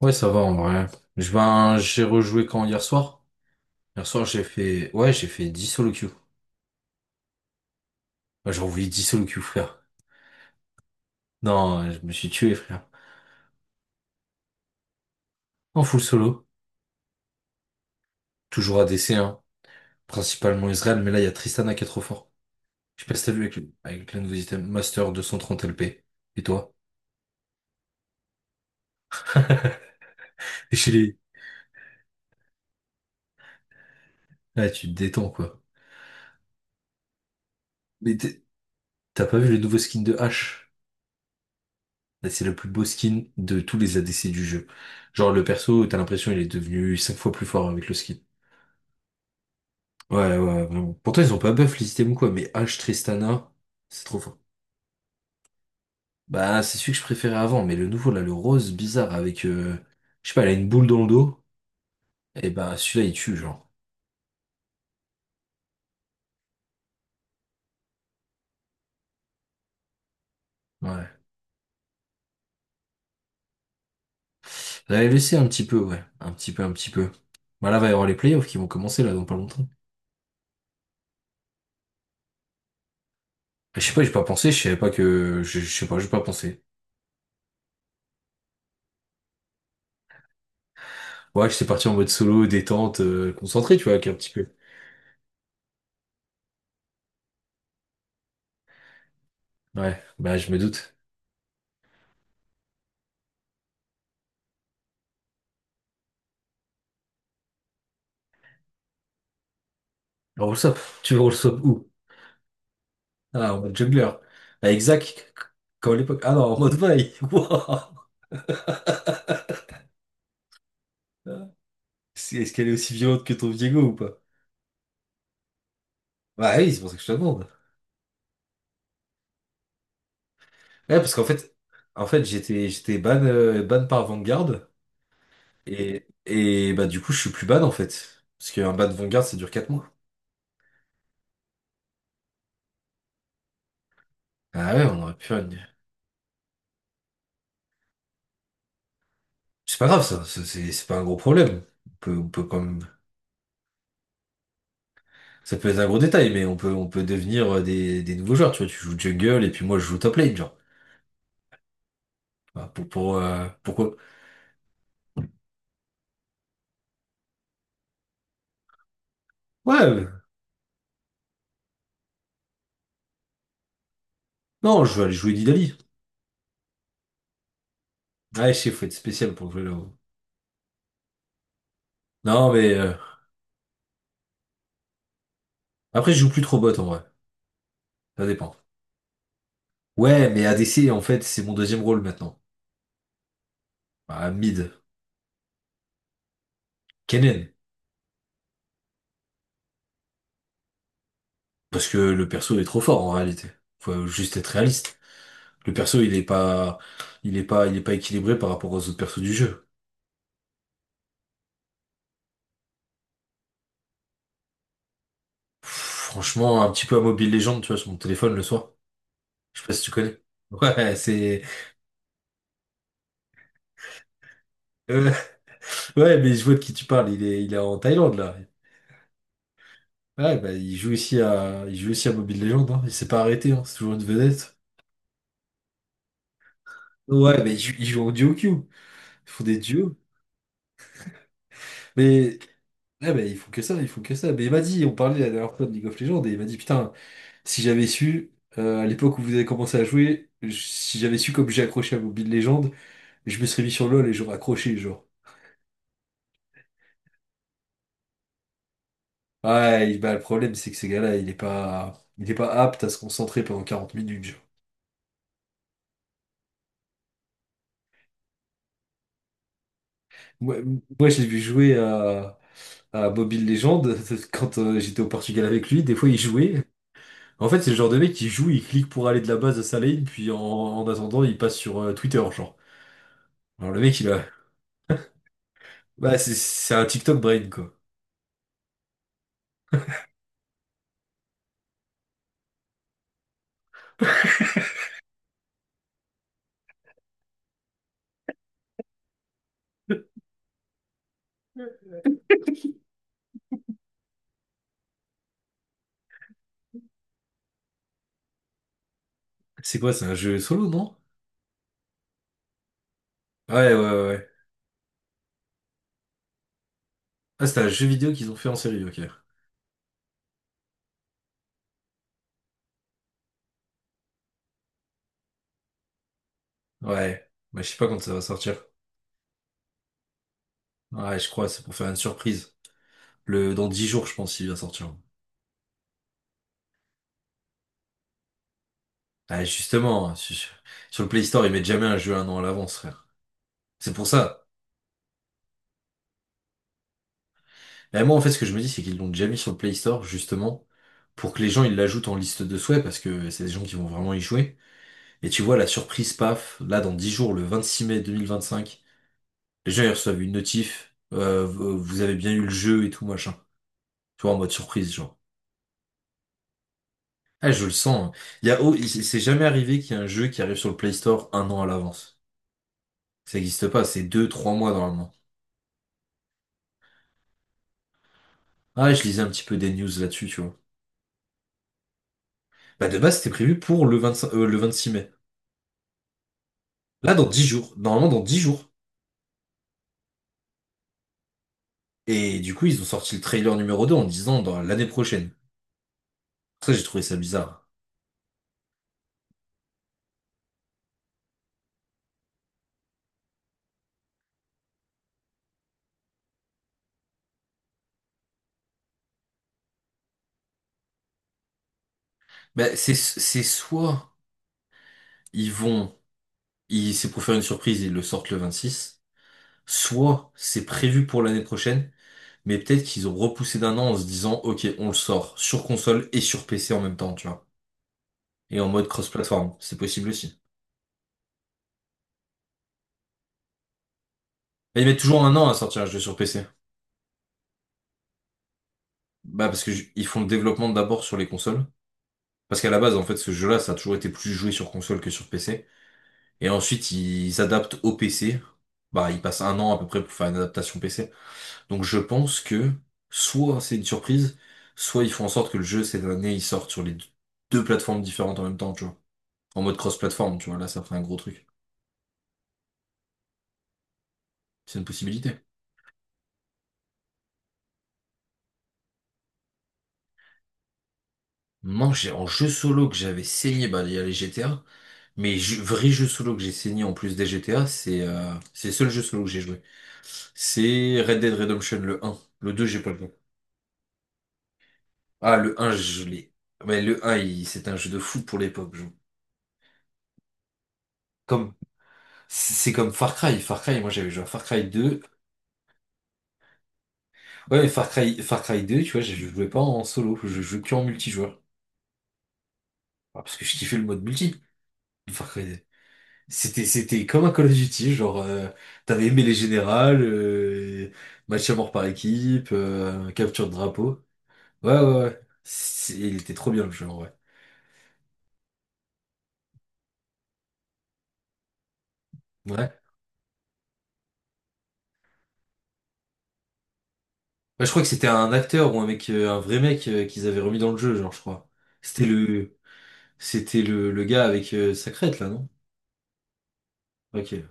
Ouais, ça va en vrai. Je ben, j'ai rejoué quand hier soir? Hier soir, ouais, j'ai fait 10 solo queue. Ouais, j'ai envoyé 10 solo queue, frère. Non, je me suis tué, frère. En full solo. Toujours ADC, hein. Principalement Israël, mais là, il y a Tristana qui est trop fort. Je sais pas si t'as vu avec le nouveau item Master 230 LP. Et toi? Et chez les, Là, tu te détends, quoi. Mais t'as pas vu le nouveau skin de H? Là, c'est le plus beau skin de tous les ADC du jeu. Genre, le perso, t'as l'impression, il est devenu 5 fois plus fort avec le skin. Ouais, ouais, vraiment. Pourtant, ils ont pas buff le système ou quoi, mais H Tristana, c'est trop fort. Bah, c'est celui que je préférais avant, mais le nouveau, là, le rose bizarre avec, je sais pas, elle a une boule dans le dos, et bah, celui-là, il tue, genre. Ouais. J'avais laissé un petit peu, ouais. Un petit peu, un petit peu. Bah, là, va y avoir les playoffs qui vont commencer, là, dans pas longtemps. Ah, je sais pas, j'ai pas pensé, je savais pas que, je sais pas, j'ai pas pensé. Ouais, j'étais parti en mode solo, détente, concentré, tu vois, avec un petit peu. Ouais, bah, je me doute. Roll swap, tu veux roll swap où? Ah, en mode jongleur. Avec Zach, quand à l'époque. Ah non, en mode vaille. Wouah. Est-ce qu'elle est aussi violente que ton Diego ou pas? Bah oui, c'est pour ça que je te demande. Ouais, parce qu'en fait, j'étais ban, ban par Vanguard. Et bah du coup, je suis plus ban en fait. Parce qu'un ban Vanguard, ça dure 4 mois. Ah ouais, on aurait pu faire une. C'est pas grave ça, c'est pas un gros problème. On peut quand même. Ça peut être un gros détail, mais on peut devenir des nouveaux joueurs. Tu vois, tu joues jungle et puis moi je joue top lane, genre. Bah, pourquoi? Ouais, non, je vais aller jouer Nidalee. Ouais, je sais, faut être spécial pour jouer là-haut. Non, mais après, je joue plus trop bot en vrai. Ça dépend. Ouais, mais ADC, en fait, c'est mon deuxième rôle maintenant. Bah, mid. Kennen. Parce que le perso est trop fort en réalité. Faut juste être réaliste. Le perso, il est pas, il est pas, il est pas équilibré par rapport aux autres persos du jeu. Pff, franchement, un petit peu à Mobile Legends, tu vois, sur mon téléphone le soir. Je sais pas si tu connais. Ouais, euh, ouais, mais je vois de qui tu parles. Il est en Thaïlande là. Ouais, bah, il joue aussi à Mobile Legends, hein. Il s'est pas arrêté, hein. C'est toujours une vedette. Ouais, mais il joue en duo queue. Ils font des duos. Mais, ouais, bah, ils font que ça, ils font que ça. Mais il m'a dit, on parlait la dernière fois de League of Legends, et il m'a dit, putain, si j'avais su, à l'époque où vous avez commencé à jouer, si j'avais su comme j'ai accroché à Mobile Legends, je me serais mis sur LoL et j'aurais accroché, genre. Ouais, bah, le problème, c'est que ces gars-là, il est pas apte à se concentrer pendant 40 minutes, genre. Moi, moi, je l'ai vu jouer à Mobile Legends, quand j'étais au Portugal avec lui, des fois il jouait. En fait, c'est le genre de mec qui joue, il clique pour aller de la base à sa lane, puis en attendant, il passe sur Twitter, genre. Alors le mec, il a. Bah, c'est un TikTok brain, quoi. C'est quoi, c'est un jeu solo, non? Ouais, ouais, ouais, ouais. Ah, c'est un jeu vidéo qu'ils ont fait en série, ok. Ouais. Bah, je sais pas quand ça va sortir. Ouais, je crois, c'est pour faire une surprise. Dans 10 jours, je pense, il va sortir. Ah, justement, sur le Play Store, ils mettent jamais un jeu un an à l'avance, frère. C'est pour ça. Bah, moi, en fait, ce que je me dis, c'est qu'ils l'ont déjà mis sur le Play Store, justement, pour que les gens, ils l'ajoutent en liste de souhaits, parce que c'est des gens qui vont vraiment y jouer. Et tu vois, la surprise, paf, là, dans 10 jours, le 26 mai 2025, les gens, ils reçoivent une notif, vous avez bien eu le jeu et tout, machin. Tu vois, en mode surprise, genre. Ah, je le sens, hein. Il oh, c'est jamais arrivé qu'il y ait un jeu qui arrive sur le Play Store un an à l'avance. Ça n'existe pas, c'est 2, 3 mois normalement. Ah, je lisais un petit peu des news là-dessus, tu vois. Bah, de base, c'était prévu pour le 25, le 26 mai. Là, dans 10 jours. Normalement, dans 10 jours. Et du coup, ils ont sorti le trailer numéro 2 en disant dans l'année prochaine. Ça, j'ai trouvé ça bizarre. Bah, c'est soit ils vont, c'est pour faire une surprise, ils le sortent le 26. Soit c'est prévu pour l'année prochaine, mais peut-être qu'ils ont repoussé d'un an en se disant, OK, on le sort sur console et sur PC en même temps, tu vois. Et en mode cross-platform, c'est possible aussi. Mais ils mettent toujours un an à sortir un jeu sur PC. Bah, parce que ils font le développement d'abord sur les consoles. Parce qu'à la base, en fait, ce jeu-là, ça a toujours été plus joué sur console que sur PC. Et ensuite, ils s'adaptent au PC. Bah, ils passent un an à peu près pour faire une adaptation PC. Donc je pense que soit c'est une surprise, soit ils font en sorte que le jeu, cette année, il sorte sur les deux plateformes différentes en même temps, tu vois. En mode cross-plateforme, tu vois, là, ça ferait un gros truc. C'est une possibilité. Non, j'ai en jeu solo que j'avais saigné, bah, il y a les GTA. Mais vrai jeu solo que j'ai saigné en plus des GTA, c'est le seul jeu solo que j'ai joué. C'est Red Dead Redemption le un. Le 2 j'ai pas le temps. Ah, le un je l'ai. Mais le un, c'était un jeu de fou pour l'époque. Comme, c'est comme Far Cry. Far Cry, moi j'avais joué à Far Cry 2. Ouais, mais Far Cry 2, tu vois, je jouais pas en solo, je jouais que en multijoueur. Ah, parce que je kiffais le mode multi de Far Cry 2. C'était comme un Call of Duty, genre, t'avais aimé les générales, match à mort par équipe, capture de drapeau. Ouais, ouais, ouais. Il était trop bien le jeu, en vrai. Ouais. Bah, je crois que c'était un acteur ou un mec, un vrai mec qu'ils avaient remis dans le jeu, genre, je crois. C'était le, c'était le gars avec sa crête, là, non? Ok.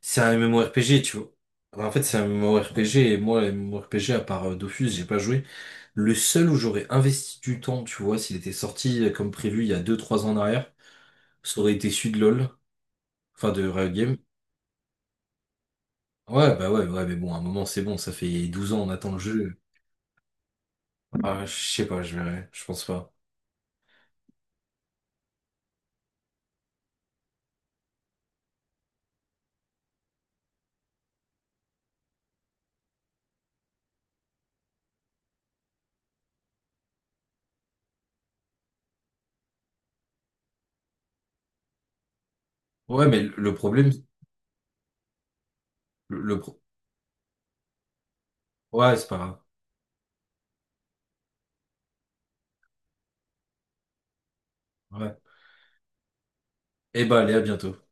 C'est un MMORPG, tu vois. Enfin, en fait, c'est un MMORPG, et moi, les MMORPG, à part Dofus, j'ai pas joué. Le seul où j'aurais investi du temps, tu vois, s'il était sorti comme prévu il y a 2, 3 ans en arrière, ça aurait été celui de LoL, enfin de Riot Games. Ouais, bah ouais, ouais, mais bon, à un moment, c'est bon, ça fait 12 ans, on attend le jeu. Ah, je sais pas, je verrai, je pense pas. Ouais, mais le problème, le, le pro- ouais, c'est pas grave. Ouais. Eh ben, allez, à bientôt.